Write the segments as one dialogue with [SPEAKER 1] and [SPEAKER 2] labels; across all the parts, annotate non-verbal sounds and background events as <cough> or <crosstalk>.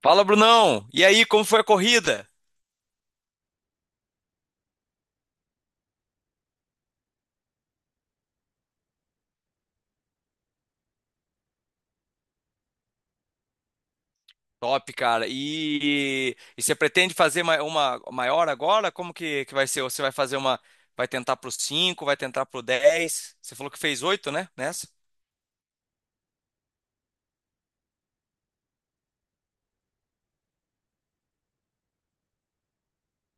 [SPEAKER 1] Fala, Brunão! E aí, como foi a corrida? Top, cara. E você pretende fazer uma maior agora? Como que vai ser? Você vai fazer uma. Vai tentar pro 5? Vai tentar pro 10? Você falou que fez oito, né? Nessa?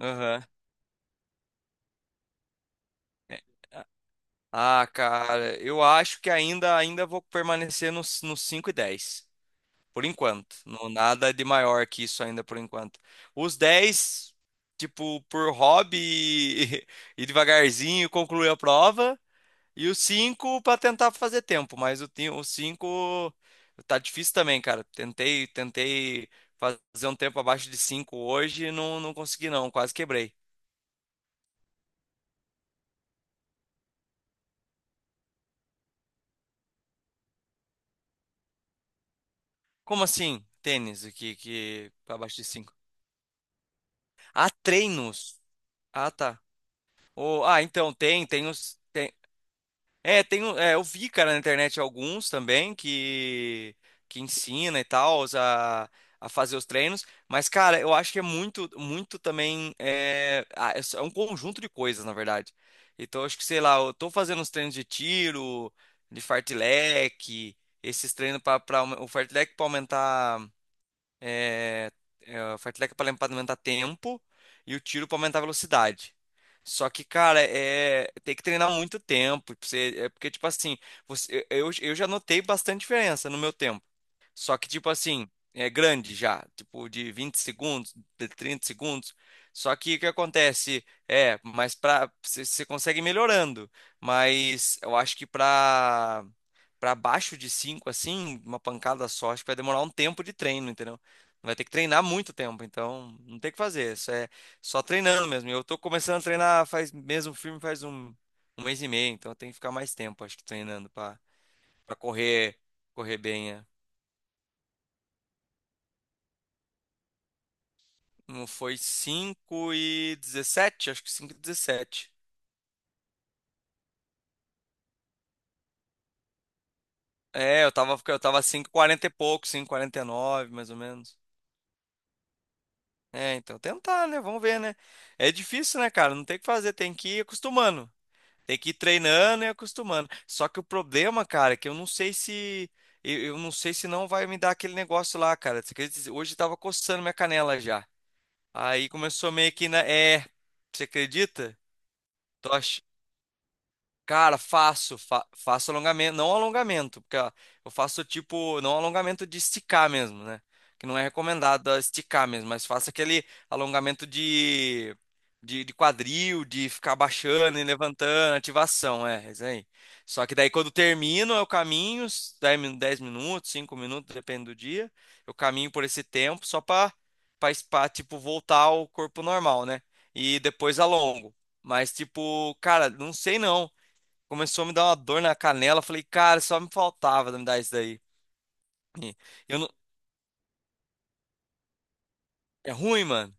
[SPEAKER 1] Aham. É. Ah, cara, eu acho que ainda vou permanecer nos 5 e 10, por enquanto. Não, nada de maior que isso ainda por enquanto. Os 10, tipo, por hobby e, <laughs> e devagarzinho concluir a prova. E o 5 para tentar fazer tempo, mas o 5 tá difícil também, cara. Tentei, tentei fazer um tempo abaixo de 5 hoje e não consegui não, quase quebrei. Como assim? Tênis, o que que abaixo de cinco. Ah, treinos. Ah, tá. Oh, então tem os. É, eu vi, cara, na internet alguns também que ensina e tal a fazer os treinos, mas, cara, eu acho que é muito, muito também, é um conjunto de coisas, na verdade. Então, eu acho que, sei lá, eu tô fazendo os treinos de tiro, de fartlek, esses treinos para o fartlek para aumentar. é, o fartlek é pra aumentar tempo e o tiro para aumentar a velocidade. Só que, cara, tem que treinar muito tempo. Pra porque, tipo assim, eu já notei bastante diferença no meu tempo. Só que, tipo assim, é grande já. Tipo, de 20 segundos, de 30 segundos. Só que o que acontece? É, mas você consegue ir melhorando. Mas eu acho que pra para baixo de 5 assim, uma pancada só, acho que vai demorar um tempo de treino, entendeu? Vai ter que treinar muito tempo, então não tem o que fazer, isso é só treinando mesmo. Eu tô começando a treinar faz mesmo firme faz um mês e meio, então eu tenho que ficar mais tempo, acho que treinando para correr, correr bem, é. Não foi 5 e dezessete, acho que cinco e 17. É, eu tava cinco e 40 e pouco, 5 e quarenta e nove mais ou menos. É, então tentar, né? Vamos ver, né? É difícil, né, cara? Não tem o que fazer, tem que ir acostumando. Tem que ir treinando e acostumando. Só que o problema, cara, é que eu não sei se. Eu não sei se não vai me dar aquele negócio lá, cara. Você acredita? Hoje tava coçando minha canela já. Aí começou meio que na. É. Você acredita? Tô. Cara, faço alongamento, não alongamento, porque ó, eu faço tipo, não alongamento de esticar mesmo, né? Que não é recomendado ó, esticar mesmo, mas faço aquele alongamento de quadril, de ficar baixando e levantando, ativação, é isso aí. Só que daí quando termino, eu caminho, 10 minutos, 5 minutos, depende do dia, eu caminho por esse tempo só pra, tipo, voltar ao corpo normal, né? E depois alongo. Mas, tipo, cara, não sei não. Começou a me dar uma dor na canela. Falei, cara, só me faltava me dar isso daí. E Eu não... É ruim, mano?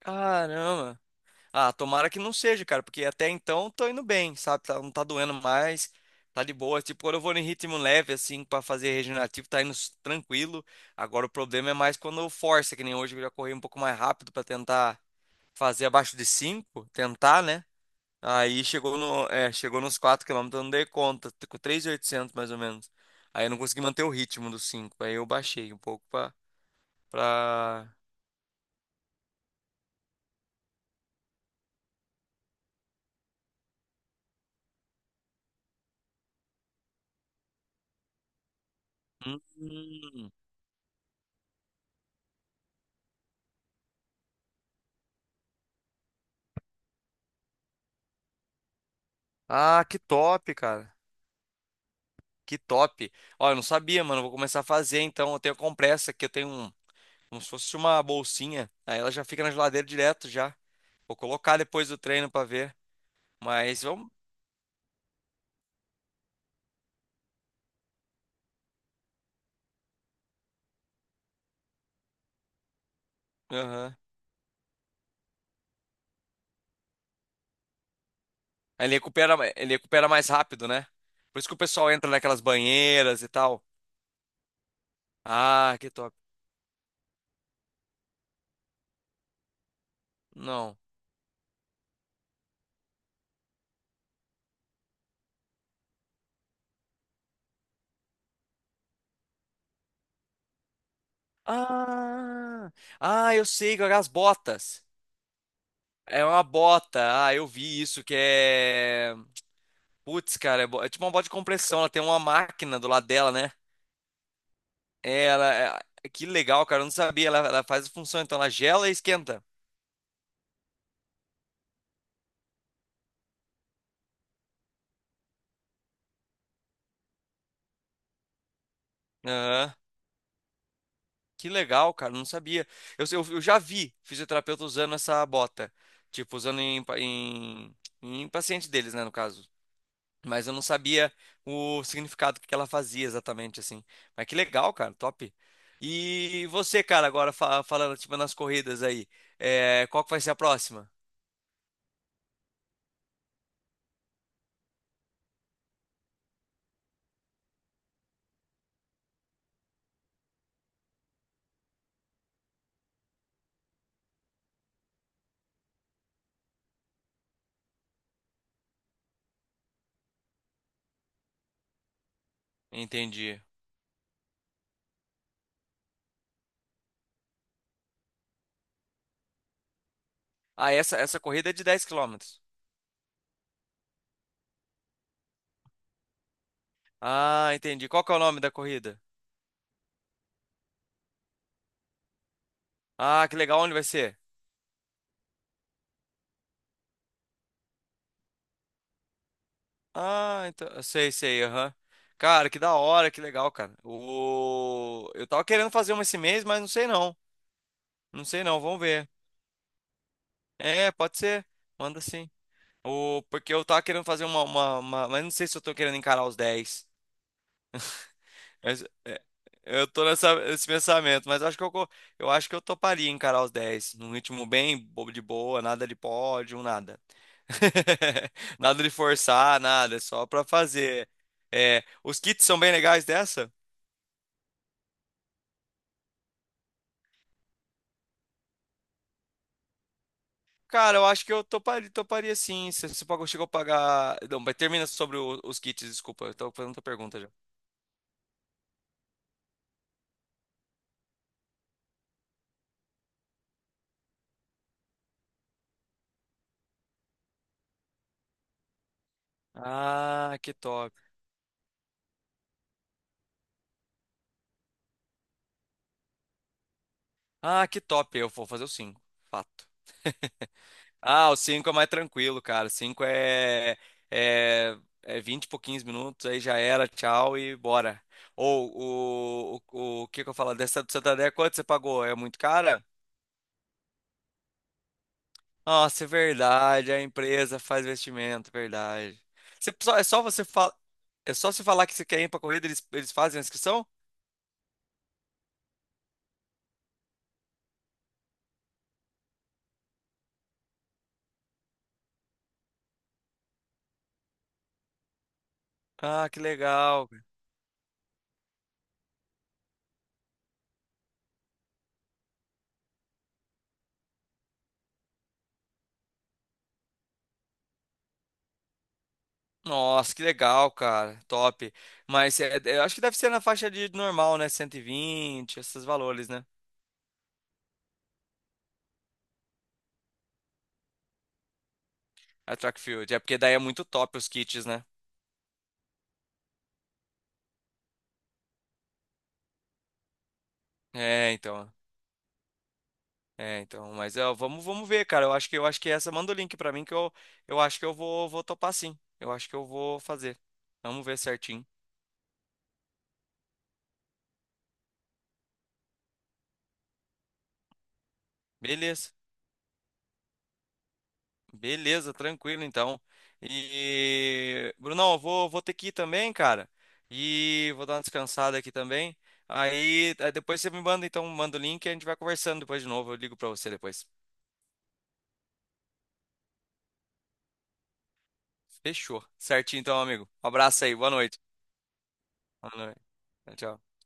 [SPEAKER 1] Caramba. Ah, tomara que não seja, cara, porque até então eu tô indo bem, sabe? Não tá doendo mais, tá de boa. Tipo, quando eu vou em ritmo leve, assim, pra fazer regenerativo, tá indo tranquilo. Agora o problema é mais quando eu forço, que nem hoje, que eu já corri um pouco mais rápido pra tentar fazer abaixo de 5, tentar, né? Aí chegou no, é, chegou nos 4 km, eu não dei conta, com 3.800 mais ou menos. Aí eu não consegui manter o ritmo dos 5. Aí eu baixei um pouco pra. Hum. Ah, que top, cara, que top. Ó, eu não sabia, mano, eu vou começar a fazer então. Eu tenho a compressa aqui, eu tenho um, como se fosse uma bolsinha, aí ela já fica na geladeira direto já. Vou colocar depois do treino pra ver, mas vamos... Aham. Aí ele recupera mais rápido, né? Por isso que o pessoal entra naquelas banheiras e tal. Ah, que top. Não. Ah, eu sei, que é as botas. É uma bota. Ah, eu vi isso que é. Putz, cara, é tipo uma bota de compressão. Ela tem uma máquina do lado dela, né? É, ela. é- Que legal, cara. Eu não sabia. Ela faz a função, então ela gela e esquenta. Aham. Que legal, cara. Eu não sabia. Eu já vi fisioterapeuta usando essa bota. Tipo, usando em paciente deles, né, no caso. Mas eu não sabia o significado que ela fazia exatamente, assim. Mas que legal, cara, top. E você, cara, agora falando, tipo, nas corridas aí, qual que vai ser a próxima? Entendi. Ah, essa corrida é de 10 quilômetros. Ah, entendi. Qual que é o nome da corrida? Ah, que legal, onde vai ser? Ah, então, eu sei, sei, aham. Cara, que da hora, que legal, cara. Eu tava querendo fazer uma esse mês, mas não sei não. Não sei não, vamos ver. É, pode ser. Manda sim. Porque eu tava querendo fazer Mas não sei se eu tô querendo encarar os 10. Mas, eu tô nesse pensamento, mas acho que eu, eu acho que eu toparia encarar os 10 num ritmo bem bobo de boa, nada de pódio, nada. <laughs> Nada de forçar, nada. É só pra fazer. É, os kits são bem legais dessa? Cara, eu acho que eu toparia, toparia sim. Se você pagou, chegou a pagar. Não, mas termina sobre os kits, desculpa. Eu tô fazendo outra pergunta já. Ah, que top. Ah, que top. Eu vou fazer o 5. Fato. Ah, o 5 é mais tranquilo, cara. 5 é, é 20 por 15 minutos, aí já era, tchau e bora. Ou o que que eu falo? Dessa do Santander, quanto você pagou? É muito cara? Nossa, é verdade, a empresa faz investimento, verdade. Você, só, é só você falar, é só você falar, que você quer ir pra corrida, eles fazem a inscrição? Ah, que legal. Nossa, que legal, cara. Top. Mas eu acho que deve ser na faixa de normal, né? 120 esses valores, né? A track field. É porque daí é muito top os kits, né? É, então. É, então. Mas é, vamos, vamos ver, cara. Eu acho que essa manda o link pra mim, que eu acho que eu vou topar sim. Eu acho que eu vou fazer. Vamos ver certinho. Beleza. Beleza, tranquilo então. E Brunão, eu vou ter que ir também, cara. E vou dar uma descansada aqui também. Aí depois você me manda então, manda o link e a gente vai conversando depois de novo. Eu ligo pra você depois. Fechou. Certinho então, amigo. Um abraço aí. Boa noite. Boa noite. Tchau. Tchau.